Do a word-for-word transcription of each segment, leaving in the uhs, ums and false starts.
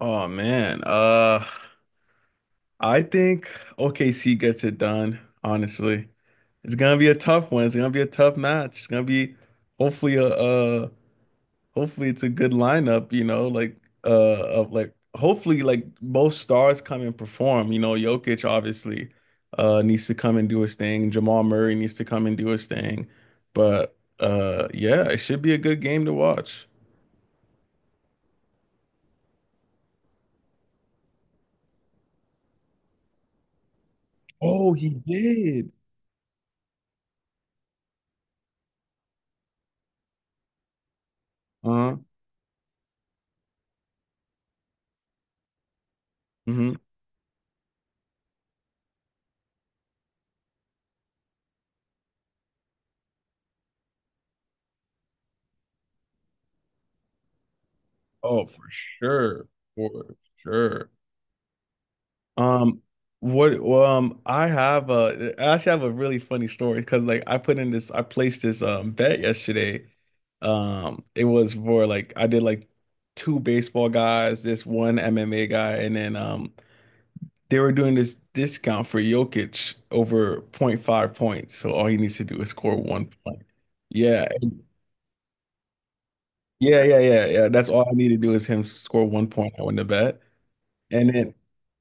Oh man. Uh I think O K C gets it done, honestly. It's gonna be a tough one. It's gonna be a tough match. It's gonna be hopefully a uh hopefully it's a good lineup, you know, like uh of like hopefully like both stars come and perform. You know, Jokic obviously uh needs to come and do his thing. Jamal Murray needs to come and do his thing. But uh yeah, it should be a good game to watch. Oh, he did. Uh-huh. Mhm. Oh, for sure. For sure. Um, what well, um I have a I actually have a really funny story because like I put in this I placed this um bet yesterday. Um it was for like I did like two baseball guys, this one M M A guy, and then um they were doing this discount for Jokic over point five points. So all he needs to do is score one point. Yeah. Yeah, yeah, yeah, yeah. That's all I need to do is him score one point. I win the bet. And then,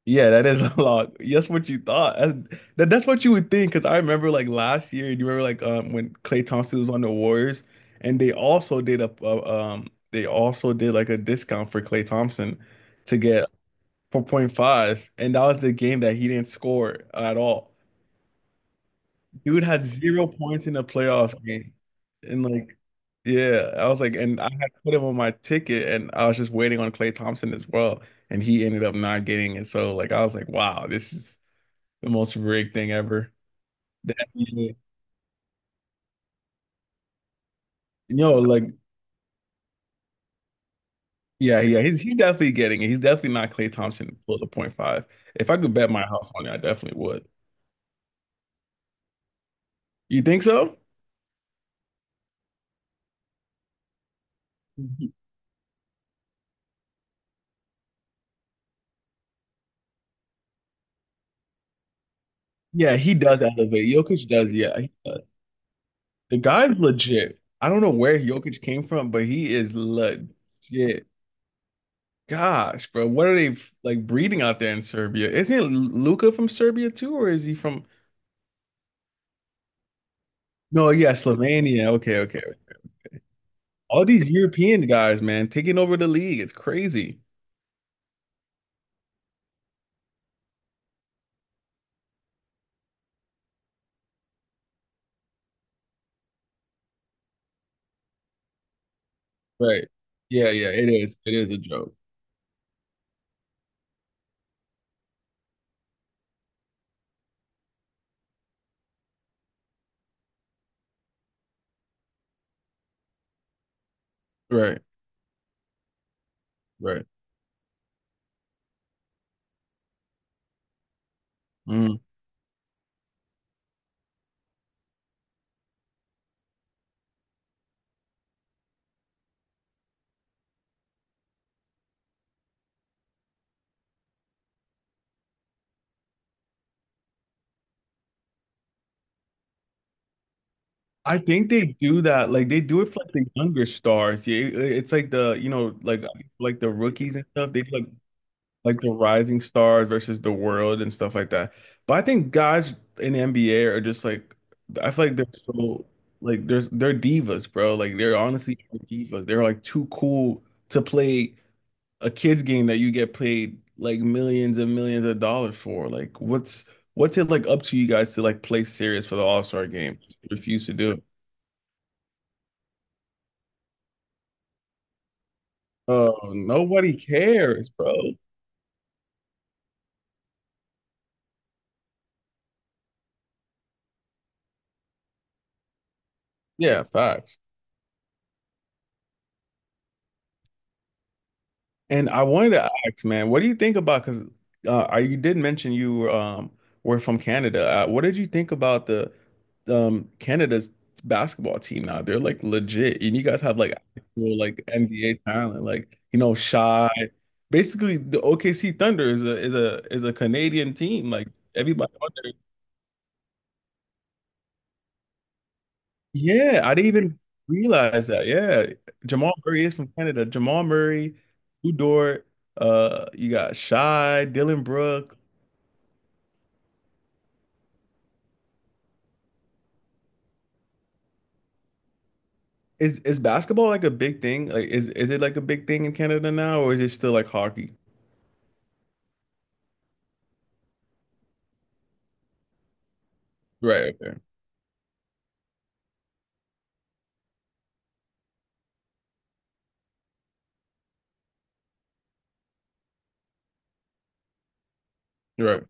yeah, that is a lot. That's what you thought. That's, that, that's what you would think. Because I remember like last year, you remember like um when Klay Thompson was on the Warriors, and they also did a, a um they also did like a discount for Klay Thompson to get four point five, and that was the game that he didn't score at all. Dude had zero points in a playoff game. And like, yeah, I was like, and I had put him on my ticket and I was just waiting on Klay Thompson as well. And he ended up not getting it. So like I was like, wow, this is the most rigged thing ever. That, yeah. Yo, like, yeah, yeah, he's he's definitely getting it. He's definitely not Klay Thompson below the point five. If I could bet my house on it, I definitely would. You think so? Mhm. Yeah, he does elevate. Jokic does, yeah. The guy's legit. I don't know where Jokic came from, but he is legit. Gosh, bro, what are they like breeding out there in Serbia? Isn't Luka from Serbia too, or is he from? No, yeah, Slovenia. Okay, okay. All these European guys, man, taking over the league. It's crazy. Right. Yeah, yeah, it is. It is a joke. Right, right. Mm. I think they do that. Like they do it for like the younger stars. Yeah, it- it's like the you know like like the rookies and stuff. They like like the rising stars versus the world and stuff like that. But I think guys in the N B A are just like I feel like they're so like there's they're divas, bro. Like they're honestly divas. They're like too cool to play a kids game that you get paid like millions and millions of dollars for. Like what's what's it like up to you guys to like play serious for the All-Star game? You refuse to do it. Oh, nobody cares, bro. Yeah, facts. And I wanted to ask, man, what do you think about? Because uh, I- you did mention you um, were from Canada. Uh, what did you think about the um, Canada's basketball team now? They're like legit, and you guys have like actual like N B A talent, like you know, Shy. Basically, the O K C Thunder is a is a is a Canadian team. Like everybody on there. Yeah, I didn't even realize that. Yeah, Jamal Murray is from Canada. Jamal Murray, Udort. Uh, you got Shy, Dylan Brooks. Is is basketball like a big thing? Like is is it like a big thing in Canada now, or is it still like hockey? Right, okay. Right.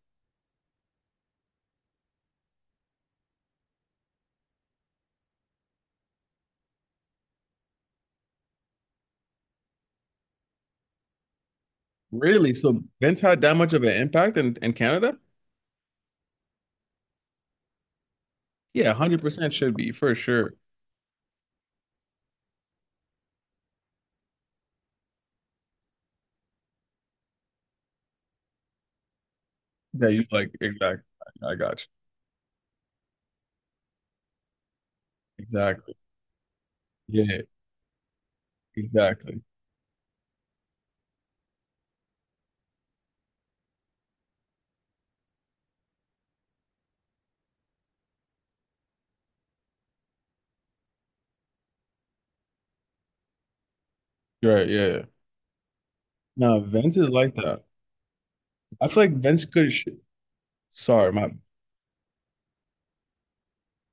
Really? So Vince had that much of an impact in, in Canada? Yeah, one hundred percent should be for sure. Yeah, you like exactly. I got you. Exactly. Yeah, exactly. Right, yeah, yeah. No, Vince is like that. I feel like Vince could sh- sorry, my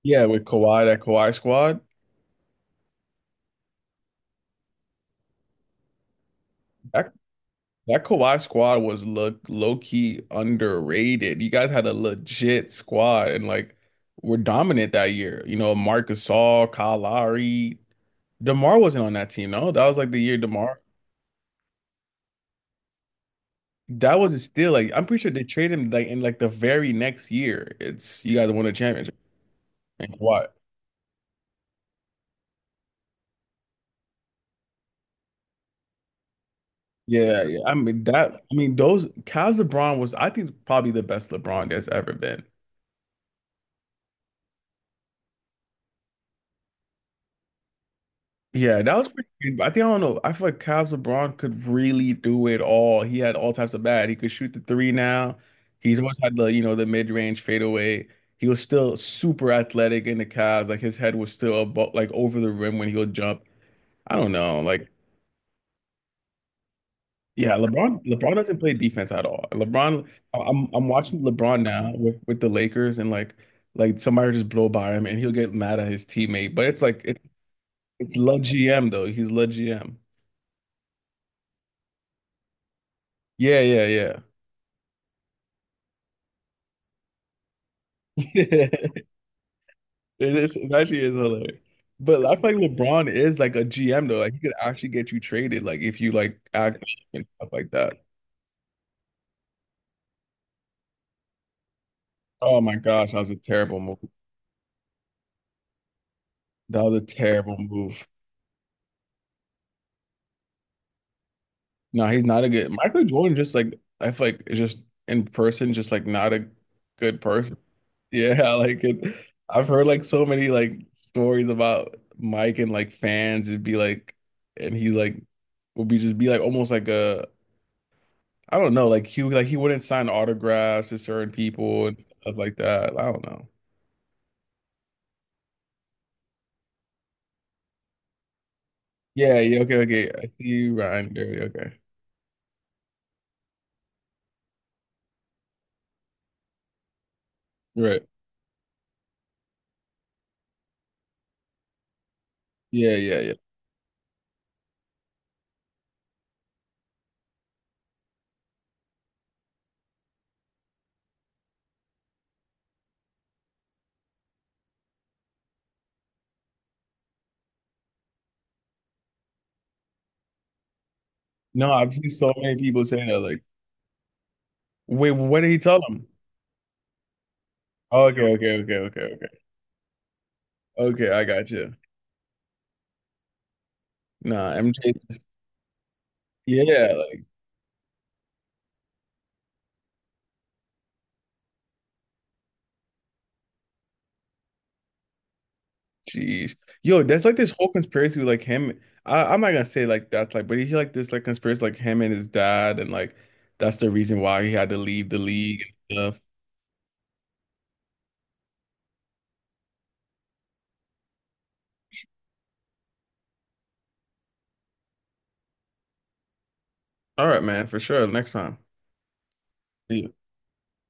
yeah, with Kawhi, that Kawhi squad. That Kawhi squad was look low key underrated. You guys had a legit squad and like were dominant that year. You know, Marc Gasol, Kyle Lowry, DeMar wasn't on that team. No, that was like the year DeMar. That was still like I'm pretty sure they traded him like in like the very next year. It's you guys won a championship and Kawhi. Yeah, yeah. I mean that. I mean those Cavs LeBron was I think probably the best LeBron there's ever been. Yeah, that was pretty good. I think I don't know. I feel like Cavs LeBron could really do it all. He had all types of bad. He could shoot the three now. He's always had the, you know, the mid-range fadeaway. He was still super athletic in the Cavs. Like his head was still above, like over the rim when he would jump. I don't know. Like, yeah, LeBron LeBron doesn't play defense at all. LeBron, I- I'm I'm watching LeBron now with, with the Lakers and like like somebody will just blow by him and he'll get mad at his teammate. But it's like it's it's Le G M though. He's Le G M. Yeah, yeah, yeah. it is it actually is hilarious. But I feel like LeBron is like a G M though. Like he could actually get you traded, like if you like act up and stuff like that. Oh my gosh, that was a terrible move. That was a terrible move. No, he's not a good Michael Jordan just like I feel like is just in person, just like not a good person. Yeah, like it. I've heard like so many like stories about Mike and like fans. It'd be like and he's like would be just be like almost like a I don't know. Like he like he wouldn't sign autographs to certain people and stuff like that. I don't know. Yeah, yeah, okay, okay. I see you, Ryan Dirty. Okay. Right. Yeah, yeah, yeah. No, I've seen so many people say that. Like, wait, what did he tell them? Oh, okay, okay, okay, okay, okay. Okay, I got you. Nah, M J. Yeah, like, jeez. Yo, that's like this whole conspiracy with like him. I, I'm not gonna say like that's like, but he like this like conspiracy like him and his dad, and like that's the reason why he had to leave the league and stuff. All right, man, for sure. Next time. See you.